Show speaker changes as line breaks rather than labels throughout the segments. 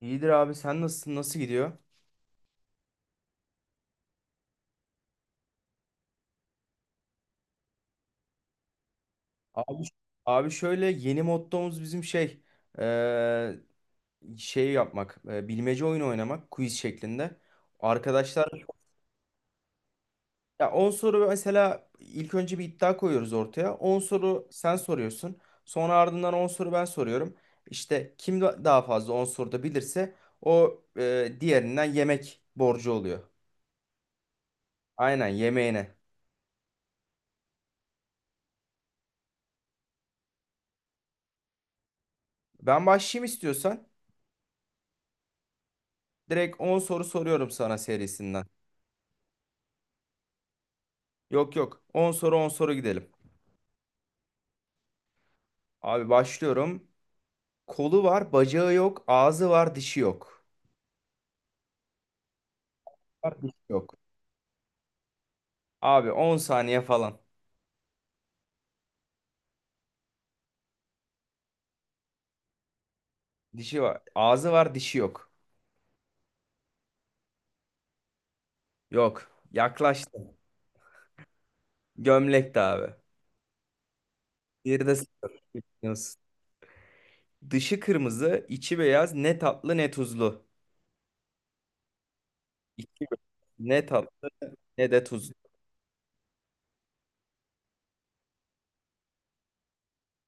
İyidir abi, sen nasılsın? Nasıl gidiyor? Abi, abi şöyle yeni mottomuz bizim şey eee, şey yapmak, bilmece oyunu oynamak, quiz şeklinde. Arkadaşlar ya 10 soru mesela, ilk önce bir iddia koyuyoruz ortaya. On soru sen soruyorsun. Sonra ardından 10 soru ben soruyorum. İşte kim daha fazla 10 soruda bilirse, o diğerinden yemek borcu oluyor. Aynen, yemeğine. Ben başlayayım istiyorsan. Direkt 10 soru soruyorum sana serisinden. Yok yok. On soru 10 soru gidelim. Abi başlıyorum. Kolu var, bacağı yok, ağzı var, dişi yok. Var, dişi yok. Abi 10 saniye falan. Dişi var. Ağzı var, dişi yok. Yok. Yaklaştın. Gömlekti abi. Bir de sıfır. Biliyorsun. Dışı kırmızı, içi beyaz, ne tatlı ne tuzlu. İçi ne tatlı ne de tuzlu.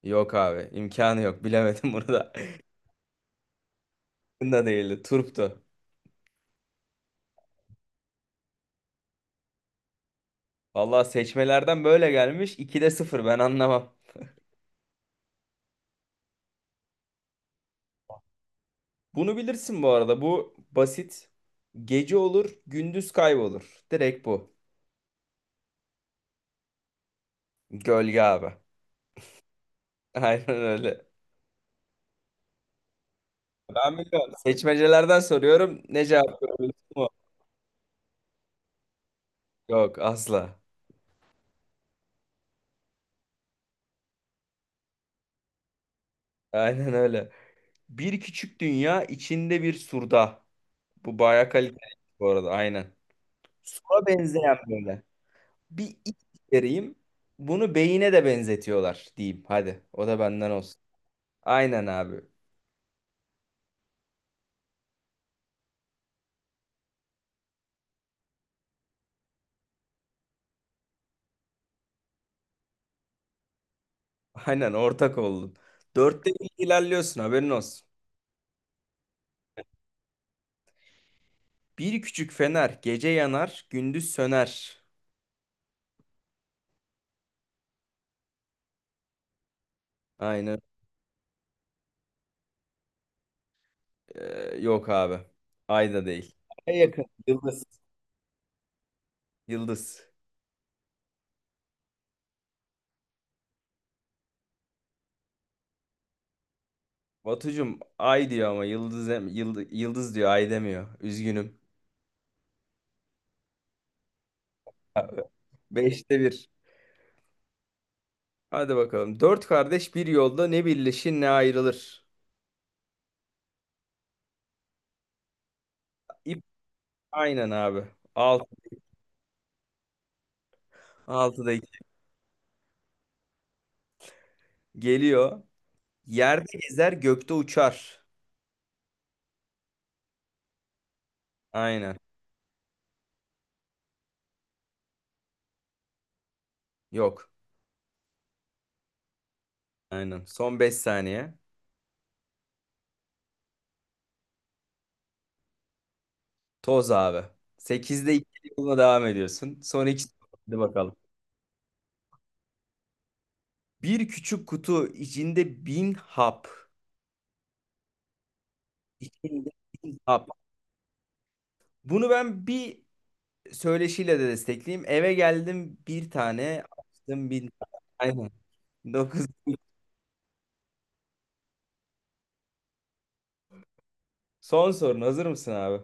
Yok abi, imkanı yok. Bilemedim bunu da. Bunu da değildi. Turptu. Vallahi seçmelerden böyle gelmiş. 2'de sıfır. Ben anlamam. Bunu bilirsin bu arada. Bu basit. Gece olur, gündüz kaybolur. Direkt bu. Gölge abi. Aynen öyle. Ben biliyorum. Seçmecelerden soruyorum. Ne cevap veriyorsun? O. Yok asla. Aynen öyle. Bir küçük dünya içinde bir surda. Bu bayağı kaliteli bu arada. Aynen. Sura benzeyen böyle. Bir iç vereyim. Bunu beyine de benzetiyorlar diyeyim. Hadi. O da benden olsun. Aynen abi. Aynen ortak oldun. Dörtte bir ilerliyorsun, haberin olsun. Bir küçük fener gece yanar, gündüz söner. Aynen. Yok abi. Ay da değil. Ay yakın. Yıldız. Yıldız. Batucum ay diyor ama yıldız, yıldız diyor, ay demiyor. Üzgünüm. Abi, beşte bir. Hadi bakalım. Dört kardeş bir yolda, ne birleşir ne ayrılır. İp, aynen abi. Alt, Altıda iki. Geliyor. Yerde gezer, gökte uçar. Aynen. Yok. Aynen. Son 5 saniye. Toz abi. Sekizde 2, yoluna devam ediyorsun. Son 2. Hadi bakalım. Bir küçük kutu içinde 1000 hap. İçinde bin hap. Bunu ben bir söyleşiyle de destekleyeyim. Eve geldim, bir tane açtım, 1000 tane. Aynen. Dokuz. Son sorun hazır mısın abi?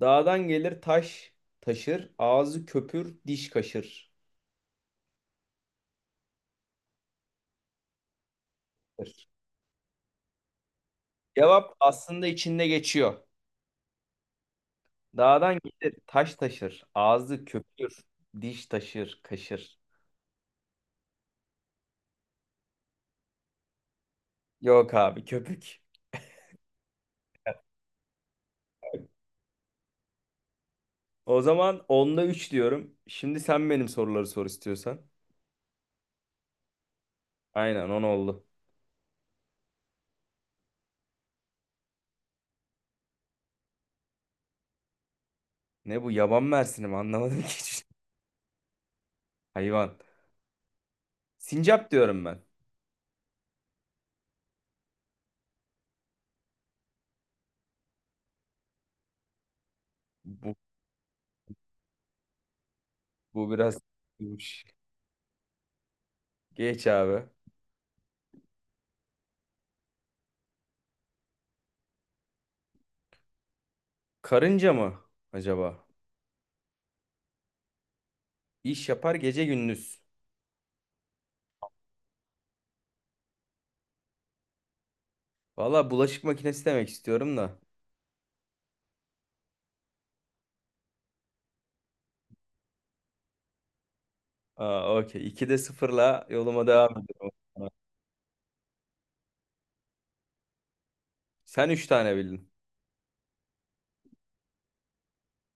Dağdan gelir taş taşır. Ağzı köpür diş kaşır. Cevap aslında içinde geçiyor. Dağdan gelir taş taşır. Ağzı köpür. Diş taşır kaşır. Yok abi, köpük. O zaman onda 3 diyorum. Şimdi sen benim soruları sor istiyorsan. Aynen, 10 oldu. Ne bu, yaban mersini mi? Anlamadım ki. Hiç. Hayvan. Sincap diyorum ben. Bu, bu biraz... Geç abi. Karınca mı acaba? İş yapar gece gündüz. Valla bulaşık makinesi demek istiyorum da. Aa, okey. 2'de sıfırla yoluma devam ediyorum. Sen 3 tane bildin.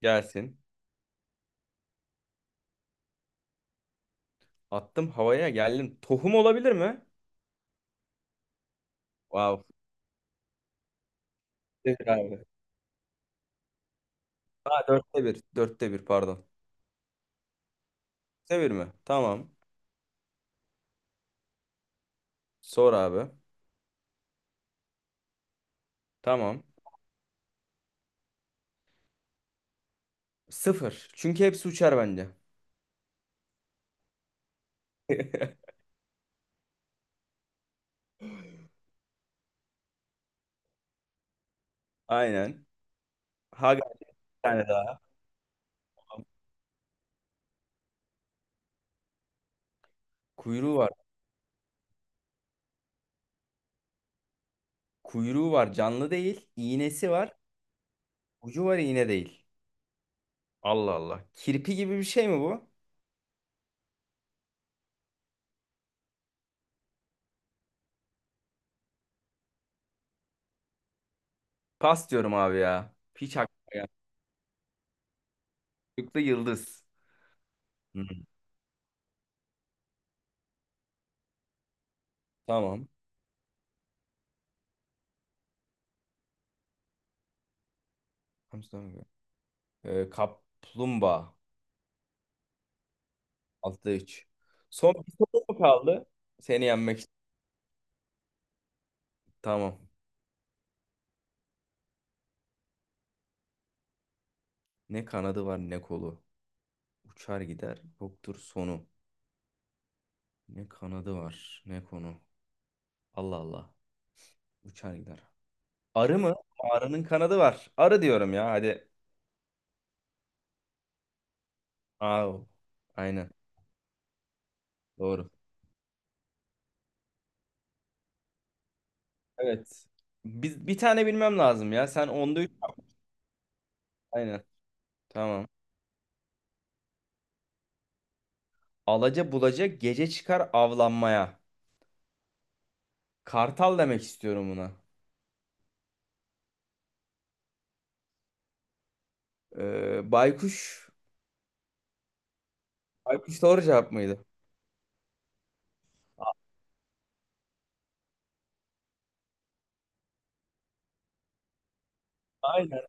Gelsin. Attım havaya, geldim. Tohum olabilir mi? Wow. Devir abi. Ha, dörtte bir. Dörtte bir pardon. Dörtte mi? Tamam. Sor abi. Tamam. Sıfır. Çünkü hepsi uçar bence. Aynen. Haga bir tane daha. Kuyruğu var. Kuyruğu var. Canlı değil. İğnesi var. Ucu var, iğne değil. Allah Allah. Kirpi gibi bir şey mi bu? Pas diyorum abi ya. Hiç aklıma gelmedi. Çocukta yıldız. Hı. Tamam. Hamsi dönüyor. Kaplumbağa. 6'da 3. Son bir soru mu kaldı? Seni yenmek için. Tamam. Ne kanadı var ne kolu. Uçar gider yoktur sonu. Ne kanadı var ne konu. Allah Allah. Uçar gider. Arı mı? Arının kanadı var. Arı diyorum ya hadi. Aa, aynen doğru. Evet. Biz bir tane bilmem lazım ya. Sen onda üç. Aynen. Tamam. Alaca bulacak gece çıkar avlanmaya. Kartal demek istiyorum buna. Baykuş. Baykuş doğru cevap mıydı? Aynen.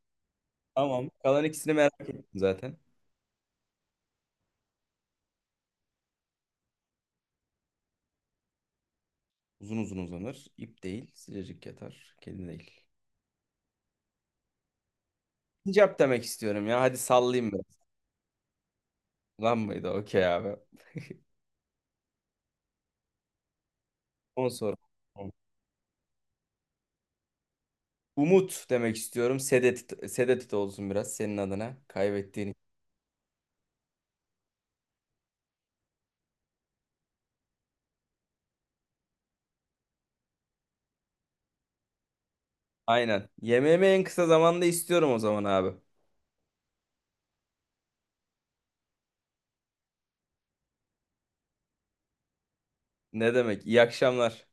Tamam. Kalan ikisini merak ettim zaten. Uzun uzun uzanır. İp değil. Sıcacık yatar. Kedi değil. Sincap demek istiyorum ya. Hadi sallayayım biraz. Lan mıydı? Okey abi. 10 soru. Umut demek istiyorum. Sedet, Sedet olsun biraz senin adına. Kaybettiğin. Aynen. Yemeğimi en kısa zamanda istiyorum o zaman abi. Ne demek? İyi akşamlar.